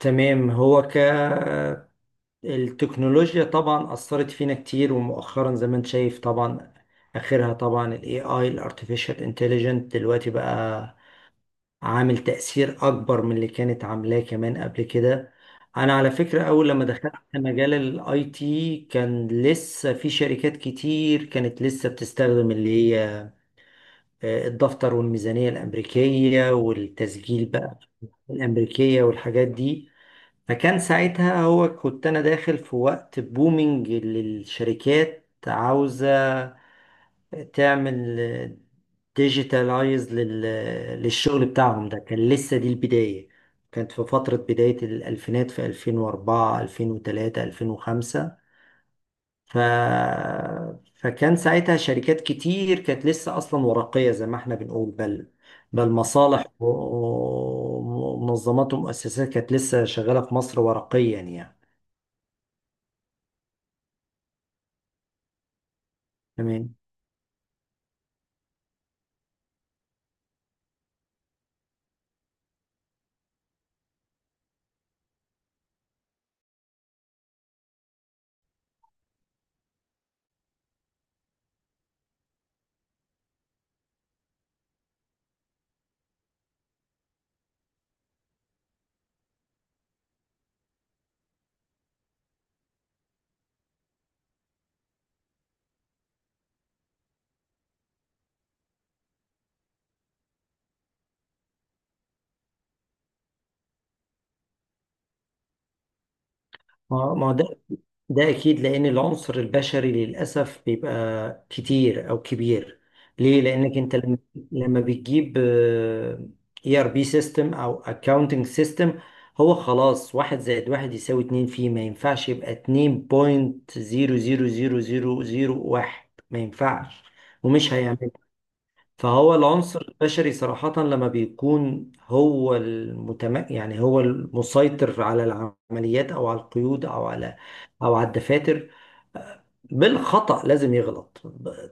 تمام. هو ك التكنولوجيا طبعا أثرت فينا كتير، ومؤخرا زي ما انت شايف طبعا آخرها طبعا ال AI، ال Artificial Intelligence دلوقتي بقى عامل تأثير أكبر من اللي كانت عاملاه كمان قبل كده. أنا على فكرة، أول لما دخلت في مجال ال IT كان لسه في شركات كتير كانت لسه بتستخدم اللي هي الدفتر والميزانية الأمريكية والتسجيل، بقى الأمريكية والحاجات دي. فكان ساعتها هو كنت انا داخل في وقت بومينج، للشركات عاوزة تعمل ديجيتالايز للشغل بتاعهم. ده كان لسه دي البداية، كانت في فترة بداية الألفينات في 2004 2003 2005. ف... فكان ساعتها شركات كتير كانت لسه أصلا ورقية زي ما احنا بنقول، بل مصالح ومنظمات ومؤسسات كانت لسه شغالة في مصر ورقيا يعني. تمام. ما ده اكيد، لان العنصر البشري للاسف بيبقى كتير او كبير. ليه؟ لانك انت لما بتجيب اي ار بي سيستم او اكاونتنج سيستم، هو خلاص واحد زائد واحد يساوي اتنين، فيه ما ينفعش يبقى اتنين بوينت زيرو زيرو زيرو زيرو زيرو واحد، ما ينفعش ومش هيعمل. فهو العنصر البشري صراحة لما بيكون هو يعني هو المسيطر على العمليات، أو على القيود، أو على أو على الدفاتر. بالخطأ لازم يغلط،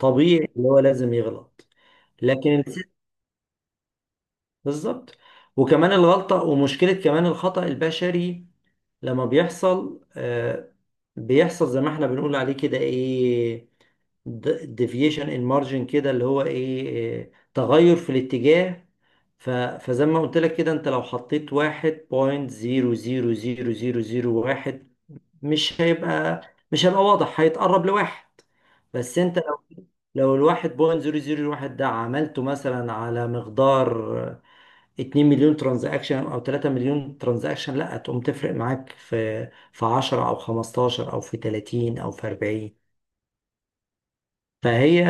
طبيعي اللي هو لازم يغلط. لكن الس- بالظبط. وكمان الغلطة، ومشكلة كمان الخطأ البشري لما بيحصل، بيحصل زي ما احنا بنقول عليه كده ايه، ديفيشن ان مارجن، كده اللي هو إيه، تغير في الاتجاه. فزي ما قلت لك كده، انت لو حطيت واحد بوينت زيرو زيرو زيرو زيرو زيرو واحد مش هيبقى واضح، هيتقرب لواحد. بس انت لو الواحد بوينت زيرو زيرو واحد ده عملته مثلا على مقدار 2 مليون ترانزاكشن او 3 مليون ترانزاكشن، لا تقوم تفرق معاك في 10 او 15 او في 30 او في 40. فهي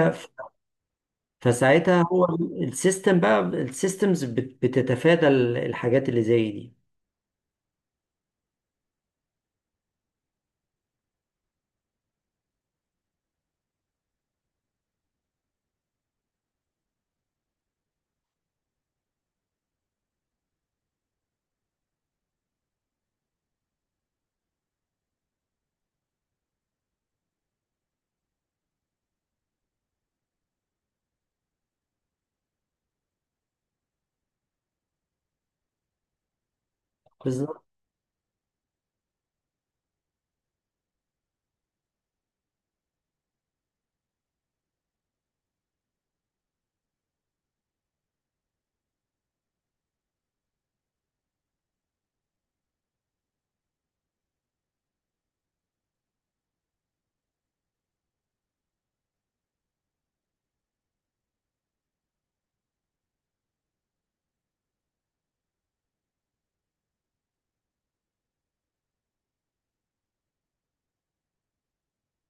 فساعتها هو السيستم، بقى السيستمز بتتفادى الحاجات اللي زي دي. بالظبط.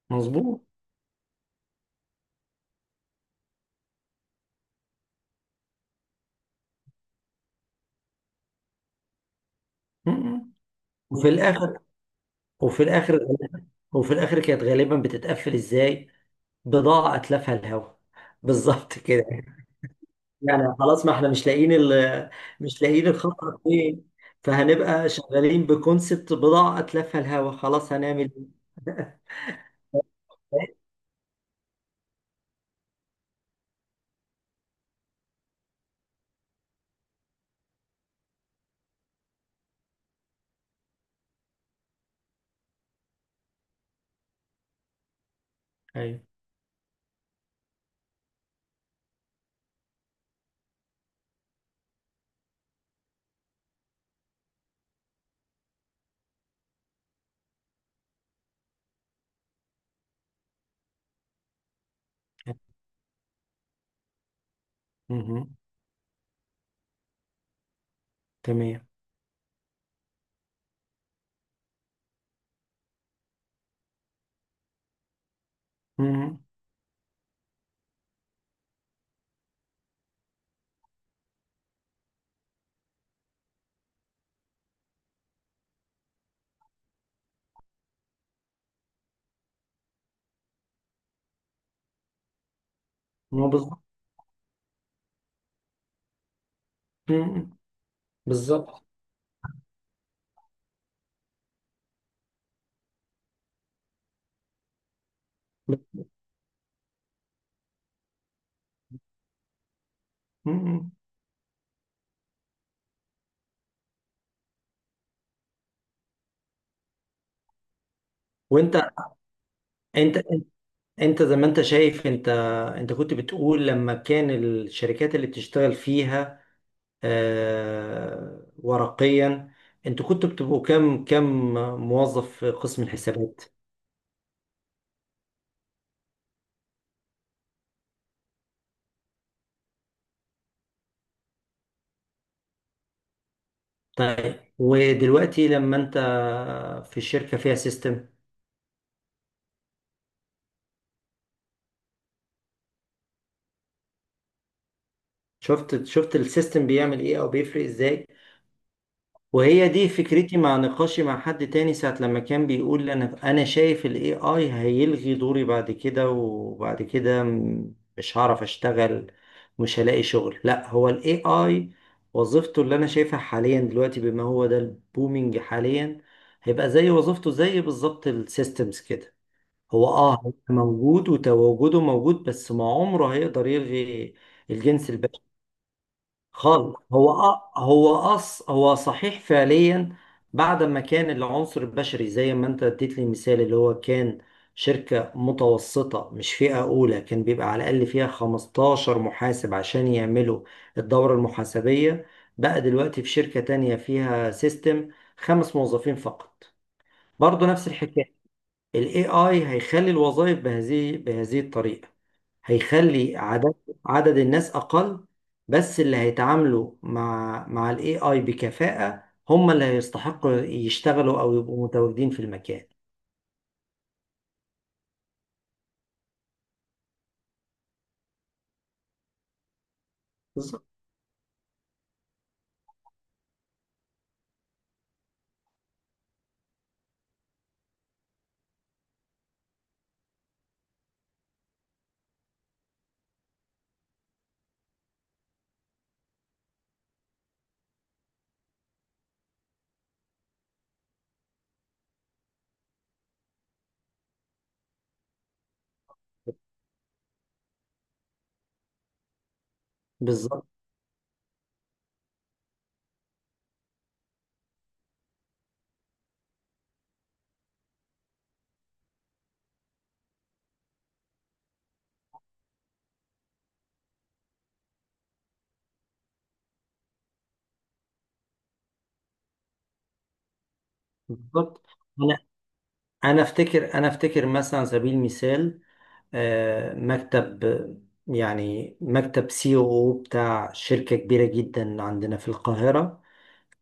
مظبوط. م- م. وفي الاخر وفي الاخر وفي الاخر كانت غالبا بتتقفل ازاي؟ بضاعة اتلافها الهوا بالظبط كده. يعني خلاص ما احنا مش لاقيين مش لاقيين الخطر فين، فهنبقى شغالين بكونسبت بضاعة اتلافها الهوا، خلاص هنعمل ايه. ايوه. مهم. تمام. مهم. ما بالظبط. مهم. بالظبط. مم. وانت انت انت زي ما انت شايف، انت كنت بتقول لما كان الشركات اللي بتشتغل فيها ورقيا، انتوا كنتوا بتبقوا كام كام موظف في قسم الحسابات؟ طيب، ودلوقتي لما انت في الشركة فيها سيستم، شفت السيستم بيعمل ايه، او بيفرق ازاي. وهي دي فكرتي مع نقاشي مع حد تاني ساعة لما كان بيقول: انا شايف الاي اي هيلغي دوري بعد كده، وبعد كده مش هعرف اشتغل، مش هلاقي شغل. لا، هو الاي اي وظيفته اللي انا شايفها حاليا دلوقتي، بما هو ده البومينج حاليا، هيبقى زي وظيفته زي بالظبط السيستمز كده. هو هيبقى موجود، وتواجده موجود، بس ما عمره هيقدر يلغي الجنس خالص. هو أ- هو أص هو صحيح فعليا، بعد ما كان العنصر البشري زي ما انت اديت لي مثال، اللي هو كان شركة متوسطة مش فئة أولى كان بيبقى على الأقل فيها 15 محاسب عشان يعملوا الدورة المحاسبية، بقى دلوقتي في شركة تانية فيها سيستم 5 موظفين فقط. برضه نفس الحكاية، ال AI هيخلي الوظائف بهذه الطريقة، هيخلي عدد الناس اقل، بس اللي هيتعاملوا مع الاي اي بكفاءة هم اللي هيستحقوا يشتغلوا او يبقوا متواجدين في المكان. بالظبط. بالظبط. بالظبط. انا انا افتكر مثلا، على سبيل المثال مكتب، يعني مكتب سي او بتاع شركة كبيرة جدا عندنا في القاهرة.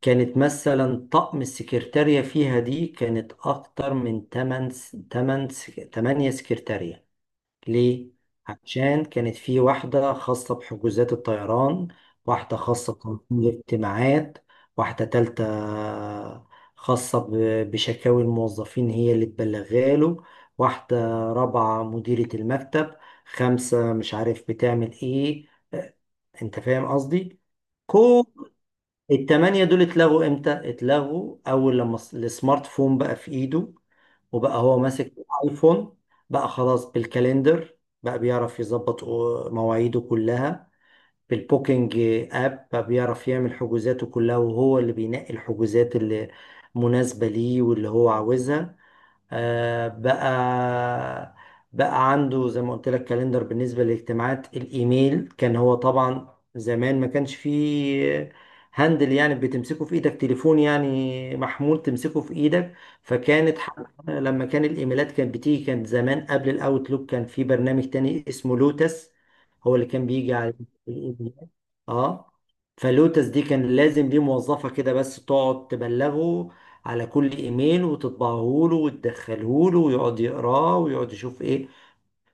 كانت مثلا طقم السكرتارية فيها دي كانت أكتر من 8 8 8 سكرتارية. ليه؟ عشان كانت في واحدة خاصة بحجوزات الطيران، واحدة خاصة بتنظيم الاجتماعات، واحدة تالتة خاصة بشكاوي الموظفين هي اللي تبلغها له، واحدة رابعة مديرة المكتب، خمسة مش عارف بتعمل ايه. آه، أنت فاهم قصدي؟ التمانية دول اتلغوا امتى؟ اتلغوا اول لما السمارت فون بقى في ايده، وبقى هو ماسك الايفون. بقى خلاص بالكالندر بقى بيعرف يظبط مواعيده كلها، بالبوكينج اب بقى بيعرف يعمل حجوزاته كلها، وهو اللي بينقي الحجوزات اللي مناسبة ليه واللي هو عاوزها. بقى بقى عنده زي ما قلت لك كالندر بالنسبة للاجتماعات. الإيميل كان هو طبعا زمان ما كانش فيه هاندل، يعني بتمسكه في إيدك تليفون، يعني محمول تمسكه في إيدك. فكانت ح- لما كان الإيميلات كانت بتيجي، كانت زمان قبل الأوتلوك كان في برنامج تاني اسمه لوتس، هو اللي كان بيجي على الإيميل. اه فلوتس دي كان لازم ليه موظفة كده بس تقعد تبلغه على كل ايميل، وتطبعه له وتدخله له ويقعد يقراه ويقعد يشوف ايه.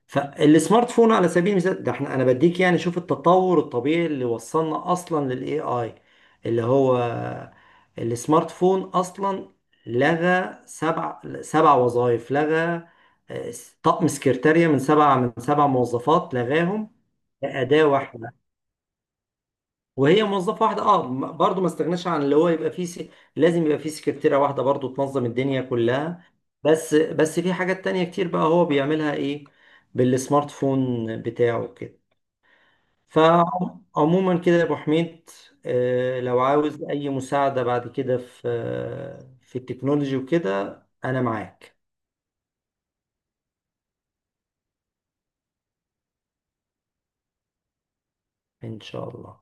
فالسمارت فون على سبيل المثال ده، احنا انا بديك يعني، شوف التطور الطبيعي اللي وصلنا اصلا للاي اي، اللي هو السمارت فون اصلا لغى سبع وظائف، لغى آه، طقم سكرتارية من سبع موظفات لغاهم، أداة واحدة. وهي موظفه واحده برضه ما استغناش عن اللي هو يبقى فيه لازم يبقى فيه سكرتيره واحده برضه تنظم الدنيا كلها. بس بس في حاجات تانية كتير بقى هو بيعملها ايه بالسمارت فون بتاعه كده. فعموما كده يا ابو حميد، لو عاوز اي مساعده بعد كده في في التكنولوجي وكده، انا معاك ان شاء الله.